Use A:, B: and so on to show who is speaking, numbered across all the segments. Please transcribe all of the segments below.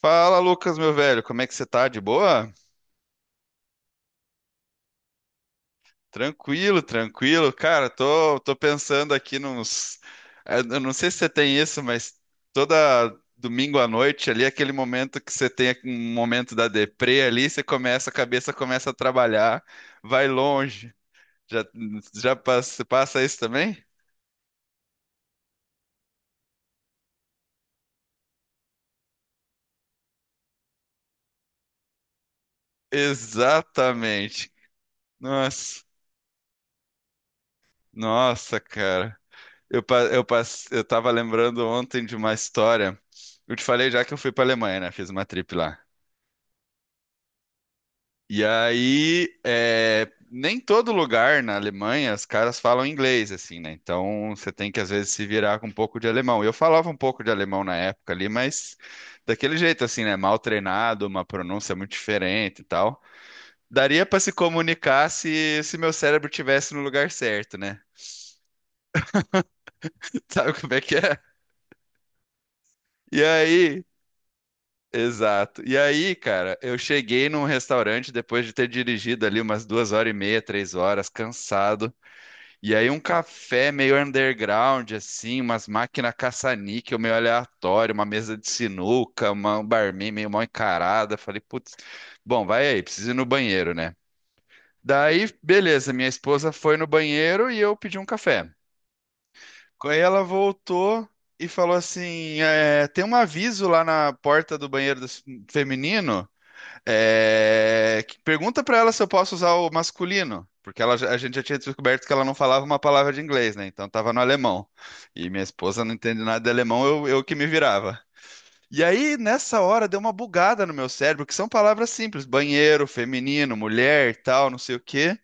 A: Fala, Lucas, meu velho, como é que você tá? De boa? Tranquilo, tranquilo. Cara, tô pensando aqui nos. Eu não sei se você tem isso, mas toda domingo à noite ali, aquele momento que você tem um momento da deprê ali, você começa, a cabeça começa a trabalhar, vai longe. Já, já passa isso também? Exatamente. Nossa, nossa, cara. Eu, pa- eu, pass- eu tava lembrando ontem de uma história. Eu te falei já que eu fui pra Alemanha, né? Fiz uma trip lá. E aí, é, nem todo lugar na Alemanha os caras falam inglês, assim, né? Então você tem que às vezes se virar com um pouco de alemão. Eu falava um pouco de alemão na época ali, mas daquele jeito, assim, né? Mal treinado, uma pronúncia muito diferente e tal. Daria pra se comunicar se meu cérebro tivesse no lugar certo, né? Sabe como é que é? E aí. Exato. E aí, cara, eu cheguei num restaurante depois de ter dirigido ali umas duas horas e meia, três horas, cansado. E aí um café meio underground, assim, umas máquinas caça-níquel meio aleatório, uma mesa de sinuca, uma um barman meio mal encarada. Falei, putz, bom, vai aí, preciso ir no banheiro, né? Daí, beleza, minha esposa foi no banheiro e eu pedi um café. Aí ela voltou e falou assim, é, tem um aviso lá na porta do banheiro feminino. Pergunta pra ela se eu posso usar o masculino, porque a gente já tinha descoberto que ela não falava uma palavra de inglês, né? Então tava no alemão. E minha esposa não entende nada de alemão, eu que me virava. E aí, nessa hora, deu uma bugada no meu cérebro, que são palavras simples: banheiro, feminino, mulher, tal, não sei o quê.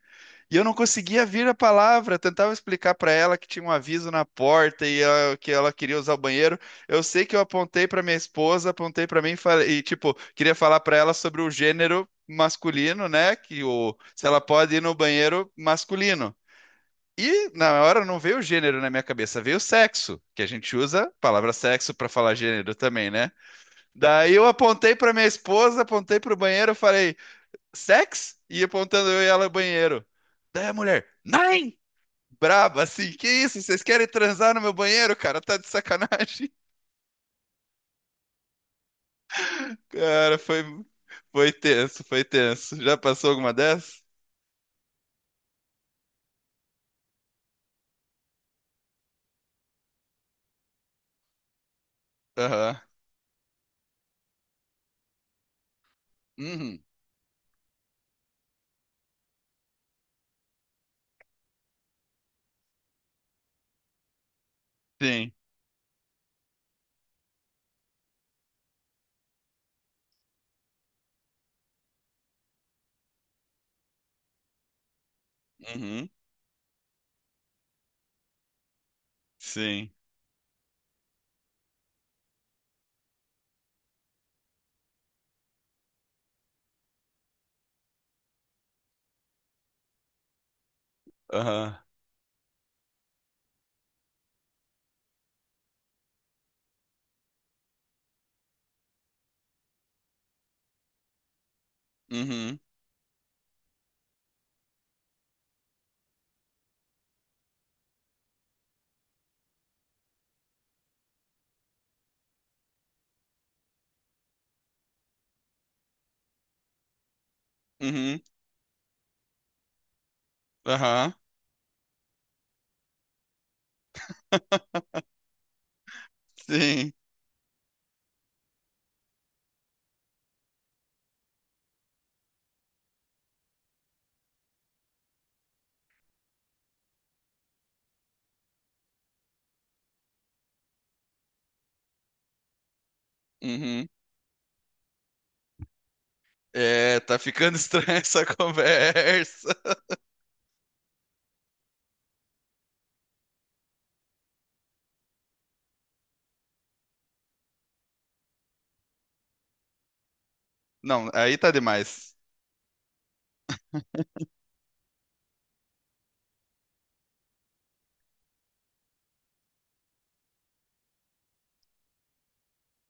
A: E eu não conseguia vir a palavra, tentava explicar para ela que tinha um aviso na porta e que ela queria usar o banheiro. Eu sei que eu apontei para minha esposa, apontei para mim e falei, tipo, queria falar para ela sobre o gênero masculino, né? Que o se ela pode ir no banheiro masculino. E na hora não veio o gênero na minha cabeça, veio o sexo, que a gente usa a palavra sexo para falar gênero também, né? Daí eu apontei para minha esposa, apontei para o banheiro, falei sex? E apontando eu e ela no banheiro. Daí a mulher, nine! Braba, assim, que isso? Vocês querem transar no meu banheiro, cara? Tá de sacanagem. Cara, foi tenso, foi tenso. Já passou alguma dessas? Aham. Uhum. Sim. Uhum. Sim. Aham. Uhum. Uhum. Aham. Sim. Uhum. É, tá ficando estranha essa conversa. Não, aí tá demais.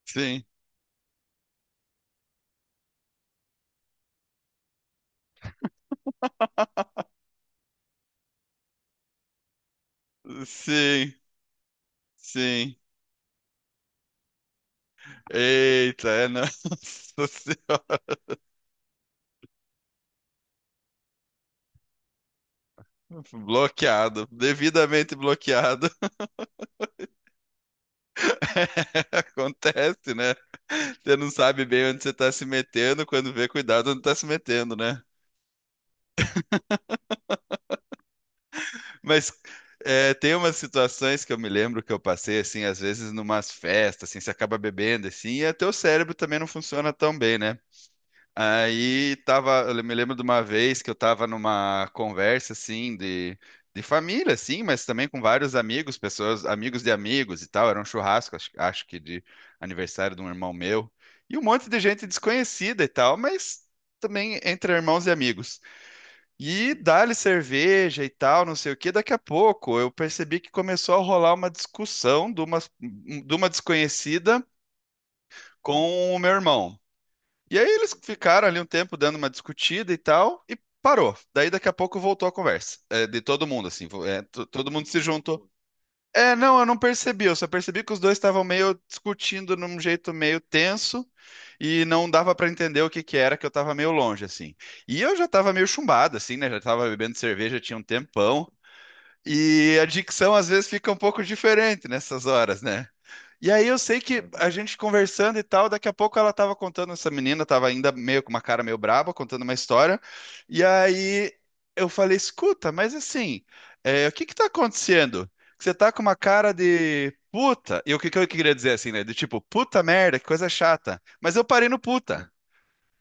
A: Sim. Sim. Sim. Eita, é, nossa senhora, bloqueado, devidamente bloqueado, acontece, né? Você não sabe bem onde você está se metendo, quando vê, cuidado onde está se metendo, né? Mas é, tem umas situações que eu me lembro que eu passei, assim, às vezes numas festas, assim, você acaba bebendo, assim, e até o cérebro também não funciona tão bem, né? Aí tava, eu me lembro de uma vez que eu tava numa conversa assim de, família, assim, mas também com vários amigos, pessoas, amigos de amigos e tal. Era um churrasco, acho que de aniversário de um irmão meu, e um monte de gente desconhecida e tal, mas também entre irmãos e amigos. E dá-lhe cerveja e tal, não sei o quê. Daqui a pouco eu percebi que começou a rolar uma discussão de uma desconhecida com o meu irmão. E aí eles ficaram ali um tempo dando uma discutida e tal, e parou. Daí daqui a pouco voltou a conversa, é, de todo mundo, assim, todo mundo se juntou. É, não, eu não percebi, eu só percebi que os dois estavam meio discutindo num jeito meio tenso e não dava pra entender o que que era, que eu tava meio longe, assim. E eu já tava meio chumbado, assim, né, já tava bebendo cerveja tinha um tempão, e a dicção às vezes fica um pouco diferente nessas horas, né? E aí eu sei que a gente conversando e tal, daqui a pouco ela tava contando, essa menina tava ainda meio com uma cara meio braba, contando uma história. E aí eu falei, escuta, mas assim, é, o que que tá acontecendo? Que você tá com uma cara de puta. E o que que eu queria dizer assim, né? Do tipo, puta merda, que coisa chata. Mas eu parei no puta.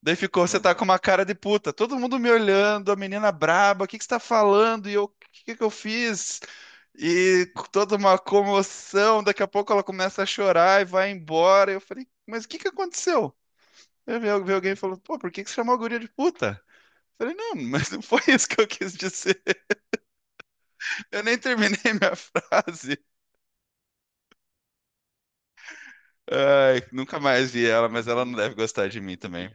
A: Daí ficou, você tá com uma cara de puta, todo mundo me olhando, a menina braba, o que que você tá falando? E eu, o que que eu fiz? E com toda uma comoção, daqui a pouco ela começa a chorar e vai embora. Eu falei, mas o que que aconteceu? Eu vi alguém e falou, pô, por que que você chamou a guria de puta? Eu falei, não, mas não foi isso que eu quis dizer. Eu nem terminei minha frase. Ai, nunca mais vi ela, mas ela não deve gostar de mim também.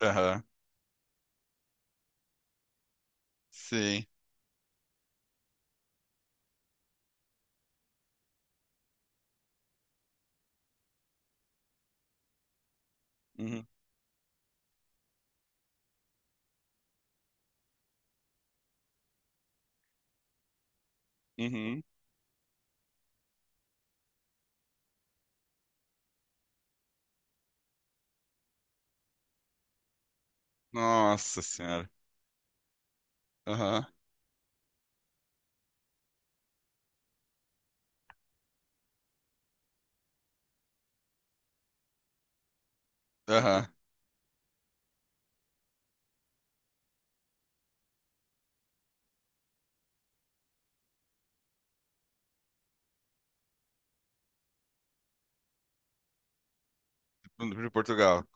A: Aham, sim. Uhum, uhum. Nossa senhora. Aham, aham. De Portugal.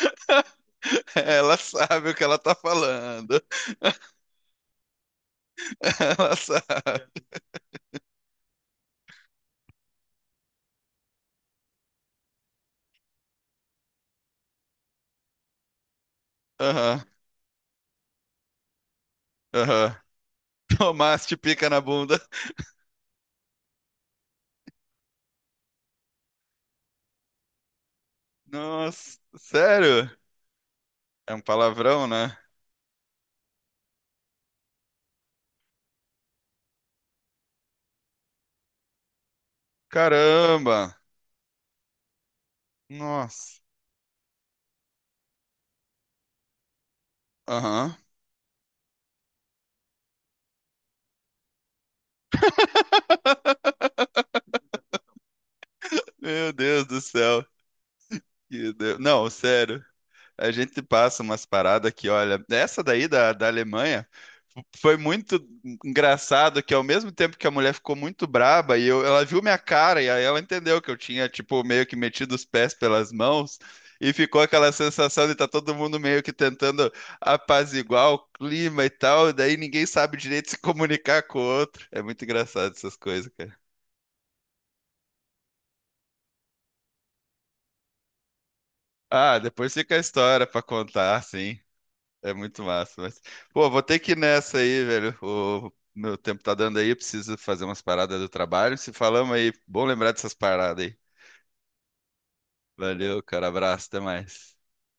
A: Ela sabe o que ela tá falando. Ela sabe. Aham, aham. Tomaste pica na bunda. Nossa, sério? É um palavrão, né? Caramba! Nossa. Aham. Meu Deus do céu. Que Deus. Não, sério. A gente passa umas paradas que, olha, essa daí da, Alemanha. Foi muito engraçado que ao mesmo tempo que a mulher ficou muito braba ela viu minha cara e aí ela entendeu que eu tinha tipo meio que metido os pés pelas mãos e ficou aquela sensação de tá todo mundo meio que tentando apaziguar o clima e tal, e daí ninguém sabe direito se comunicar com o outro. É muito engraçado essas coisas, cara. Ah, depois fica a história pra contar, sim. É muito massa, mas... Pô, vou ter que ir nessa aí, velho. O meu tempo tá dando aí, eu preciso fazer umas paradas do trabalho. Se falamos aí, bom lembrar dessas paradas aí. Valeu, cara. Abraço, até mais.